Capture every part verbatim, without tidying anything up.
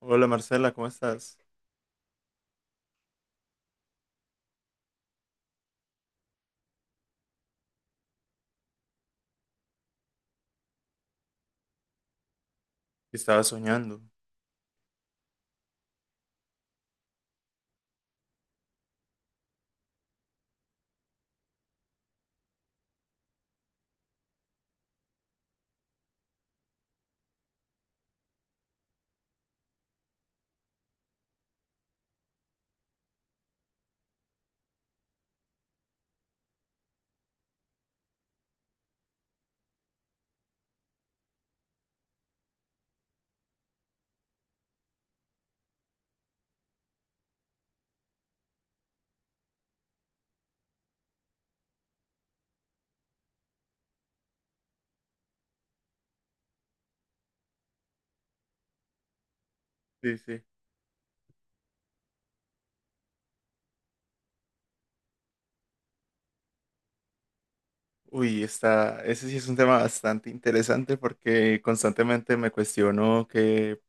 Hola Marcela, ¿cómo estás? Estaba soñando. Sí, sí. Uy, está, ese sí es un tema bastante interesante porque constantemente me cuestiono qué,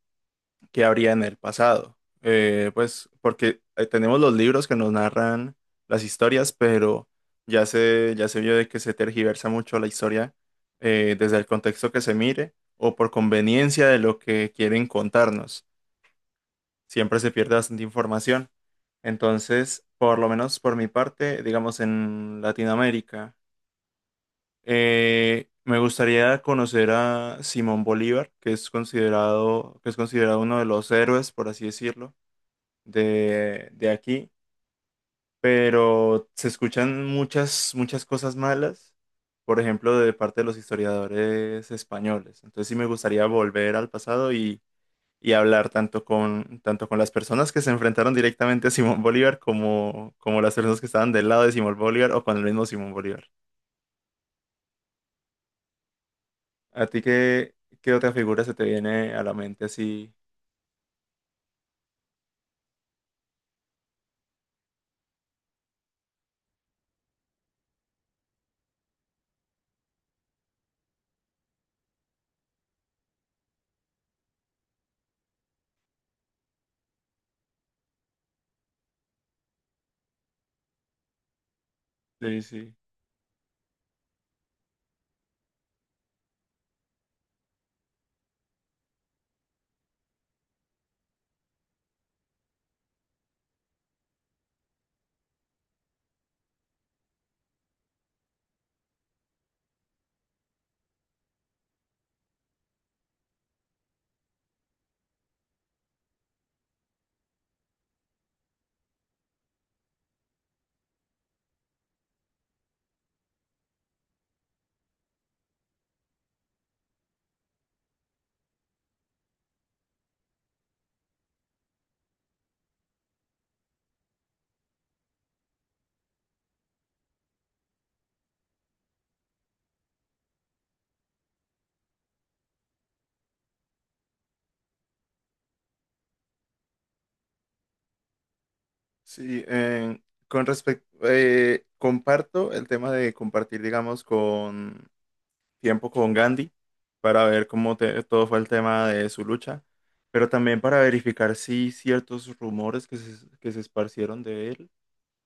qué habría en el pasado. Eh, pues porque eh, tenemos los libros que nos narran las historias, pero ya se, ya se vio de que se tergiversa mucho la historia, eh, desde el contexto que se mire o por conveniencia de lo que quieren contarnos. Siempre se pierde bastante información. Entonces, por lo menos por mi parte, digamos en Latinoamérica, eh, me gustaría conocer a Simón Bolívar, que es considerado, que es considerado uno de los héroes, por así decirlo, de, de aquí, pero se escuchan muchas, muchas cosas malas, por ejemplo, de parte de los historiadores españoles. Entonces sí me gustaría volver al pasado y y hablar tanto con, tanto con las personas que se enfrentaron directamente a Simón Bolívar, como, como las personas que estaban del lado de Simón Bolívar o con el mismo Simón Bolívar. ¿A ti qué, qué otra figura se te viene a la mente así, Lacey? Sí, eh, con respecto, comparto el tema de compartir, digamos, con tiempo con Gandhi para ver cómo te- todo fue el tema de su lucha, pero también para verificar si ciertos rumores que se, que se esparcieron de él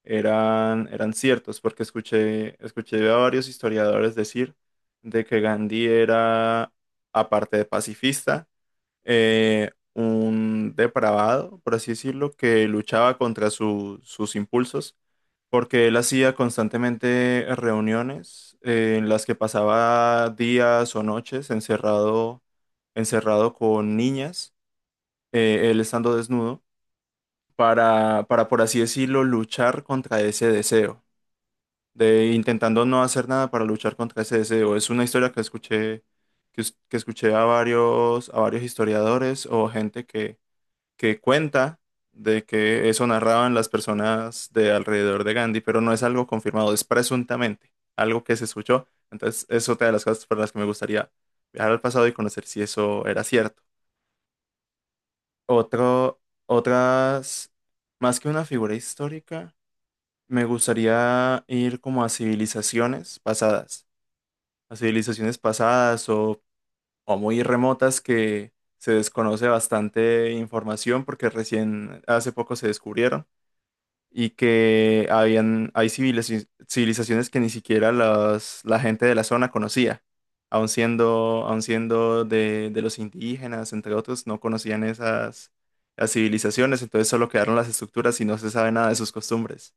eran, eran ciertos, porque escuché, escuché a varios historiadores decir de que Gandhi era, aparte de pacifista, eh, un depravado, por así decirlo, que luchaba contra su- sus impulsos, porque él hacía constantemente reuniones eh, en las que pasaba días o noches encerrado, encerrado con niñas, eh, él estando desnudo para, para, por así decirlo, luchar contra ese deseo, de intentando no hacer nada para luchar contra ese deseo. Es una historia que escuché, que, es- que escuché a varios, a varios historiadores o gente que, que cuenta de que eso narraban las personas de alrededor de Gandhi, pero no es algo confirmado, es presuntamente algo que se escuchó. Entonces, es otra de las cosas por las que me gustaría viajar al pasado y conocer si eso era cierto. Otro, otras, más que una figura histórica, me gustaría ir como a civilizaciones pasadas, a civilizaciones pasadas o, o muy remotas, que se desconoce bastante información porque recién hace poco se descubrieron, y que habían, hay civilizaci- civilizaciones que ni siquiera las- la gente de la zona conocía, aun siendo, aun siendo de, de los indígenas, entre otros, no conocían esas, las civilizaciones. Entonces solo quedaron las estructuras y no se sabe nada de sus costumbres.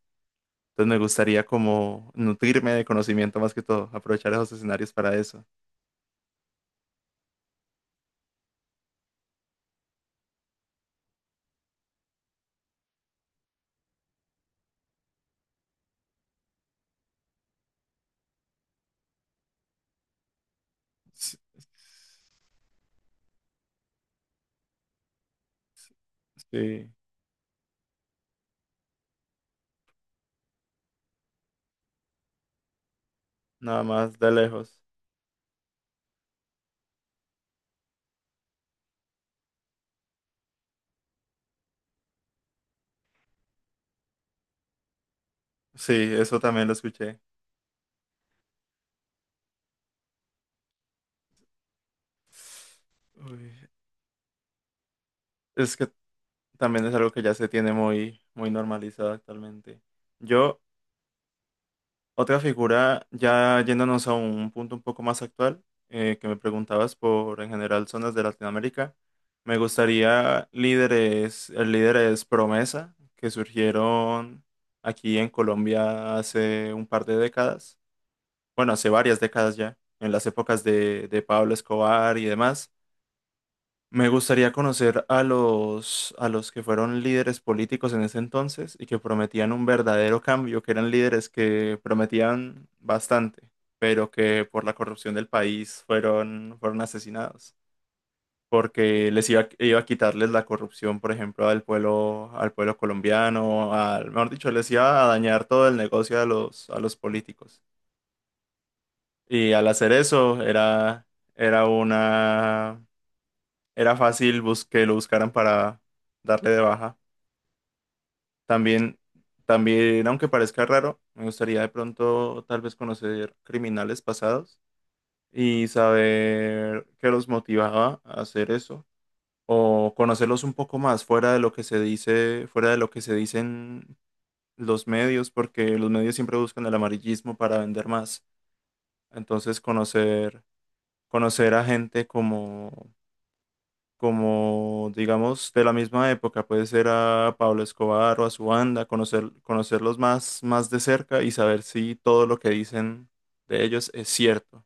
Entonces me gustaría como nutrirme de conocimiento más que todo, aprovechar esos escenarios para eso. Sí, nada más de lejos. Sí, eso también lo escuché. Uy, es que también es algo que ya se tiene muy, muy normalizado actualmente. Yo, otra figura, ya yéndonos a un punto un poco más actual, eh, que me preguntabas por en general zonas de Latinoamérica, me gustaría líderes, el líder es Promesa, que surgieron aquí en Colombia hace un par de décadas. Bueno, hace varias décadas ya, en las épocas de, de Pablo Escobar y demás. Me gustaría conocer a los, a los que fueron líderes políticos en ese entonces y que prometían un verdadero cambio, que eran líderes que prometían bastante, pero que por la corrupción del país fueron, fueron asesinados, porque les iba, iba a quitarles la corrupción, por ejemplo, al pueblo, al pueblo colombiano, al, mejor dicho, les iba a dañar todo el negocio a los, a los políticos. Y al hacer eso era, era una, era fácil bus- que lo buscaran para darle de baja. También, también, aunque parezca raro, me gustaría de pronto tal vez conocer criminales pasados y saber qué los motivaba a hacer eso, o conocerlos un poco más fuera de lo que se dice, fuera de lo que se dicen los medios, porque los medios siempre buscan el amarillismo para vender más. Entonces, conocer conocer a gente como, como digamos de la misma época, puede ser a Pablo Escobar o a su banda, conocer, conocerlos más, más de cerca y saber si todo lo que dicen de ellos es cierto,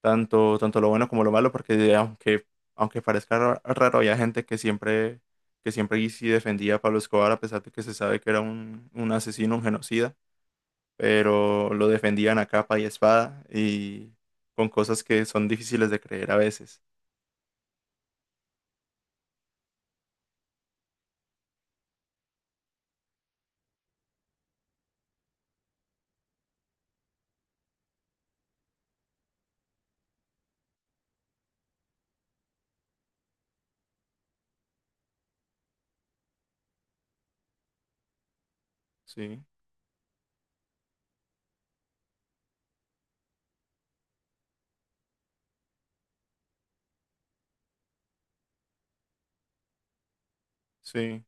tanto, tanto lo bueno como lo malo, porque aunque, aunque parezca ra- raro, había gente que siempre, que siempre y sí defendía a Pablo Escobar, a pesar de que se sabe que era un, un asesino, un genocida, pero lo defendían a capa y espada y con cosas que son difíciles de creer a veces. Sí, sí,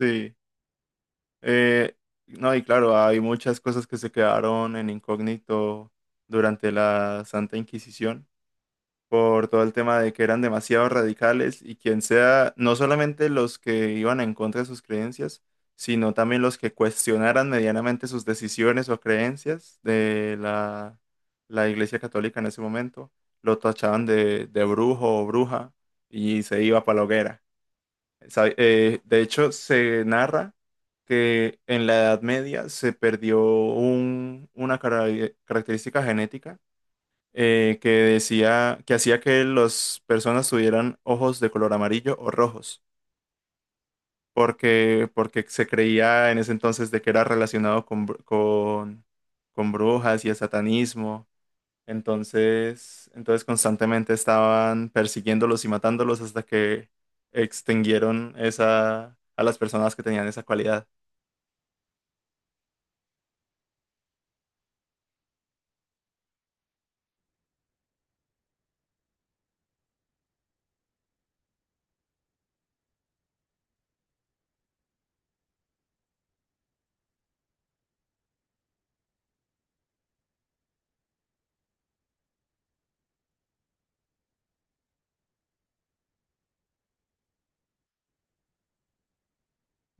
sí. Eh, no, y claro, hay muchas cosas que se quedaron en incógnito durante la Santa Inquisición por todo el tema de que eran demasiado radicales y quien sea, no solamente los que iban en contra de sus creencias, sino también los que cuestionaran medianamente sus decisiones o creencias de la, la Iglesia Católica en ese momento, lo tachaban de, de brujo o bruja y se iba para la hoguera. Sa- eh, de hecho, se narra que en la Edad Media se perdió un- una cara- característica genética, eh, que decía que hacía que las personas tuvieran ojos de color amarillo o rojos, porque, porque se creía en ese entonces de que era relacionado con, br- con, con brujas y el satanismo. Entonces, entonces constantemente estaban persiguiéndolos y matándolos hasta que extinguieron esa, a las personas que tenían esa cualidad.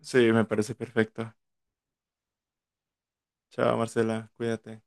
Sí, me parece perfecto. Chao, Marcela, cuídate.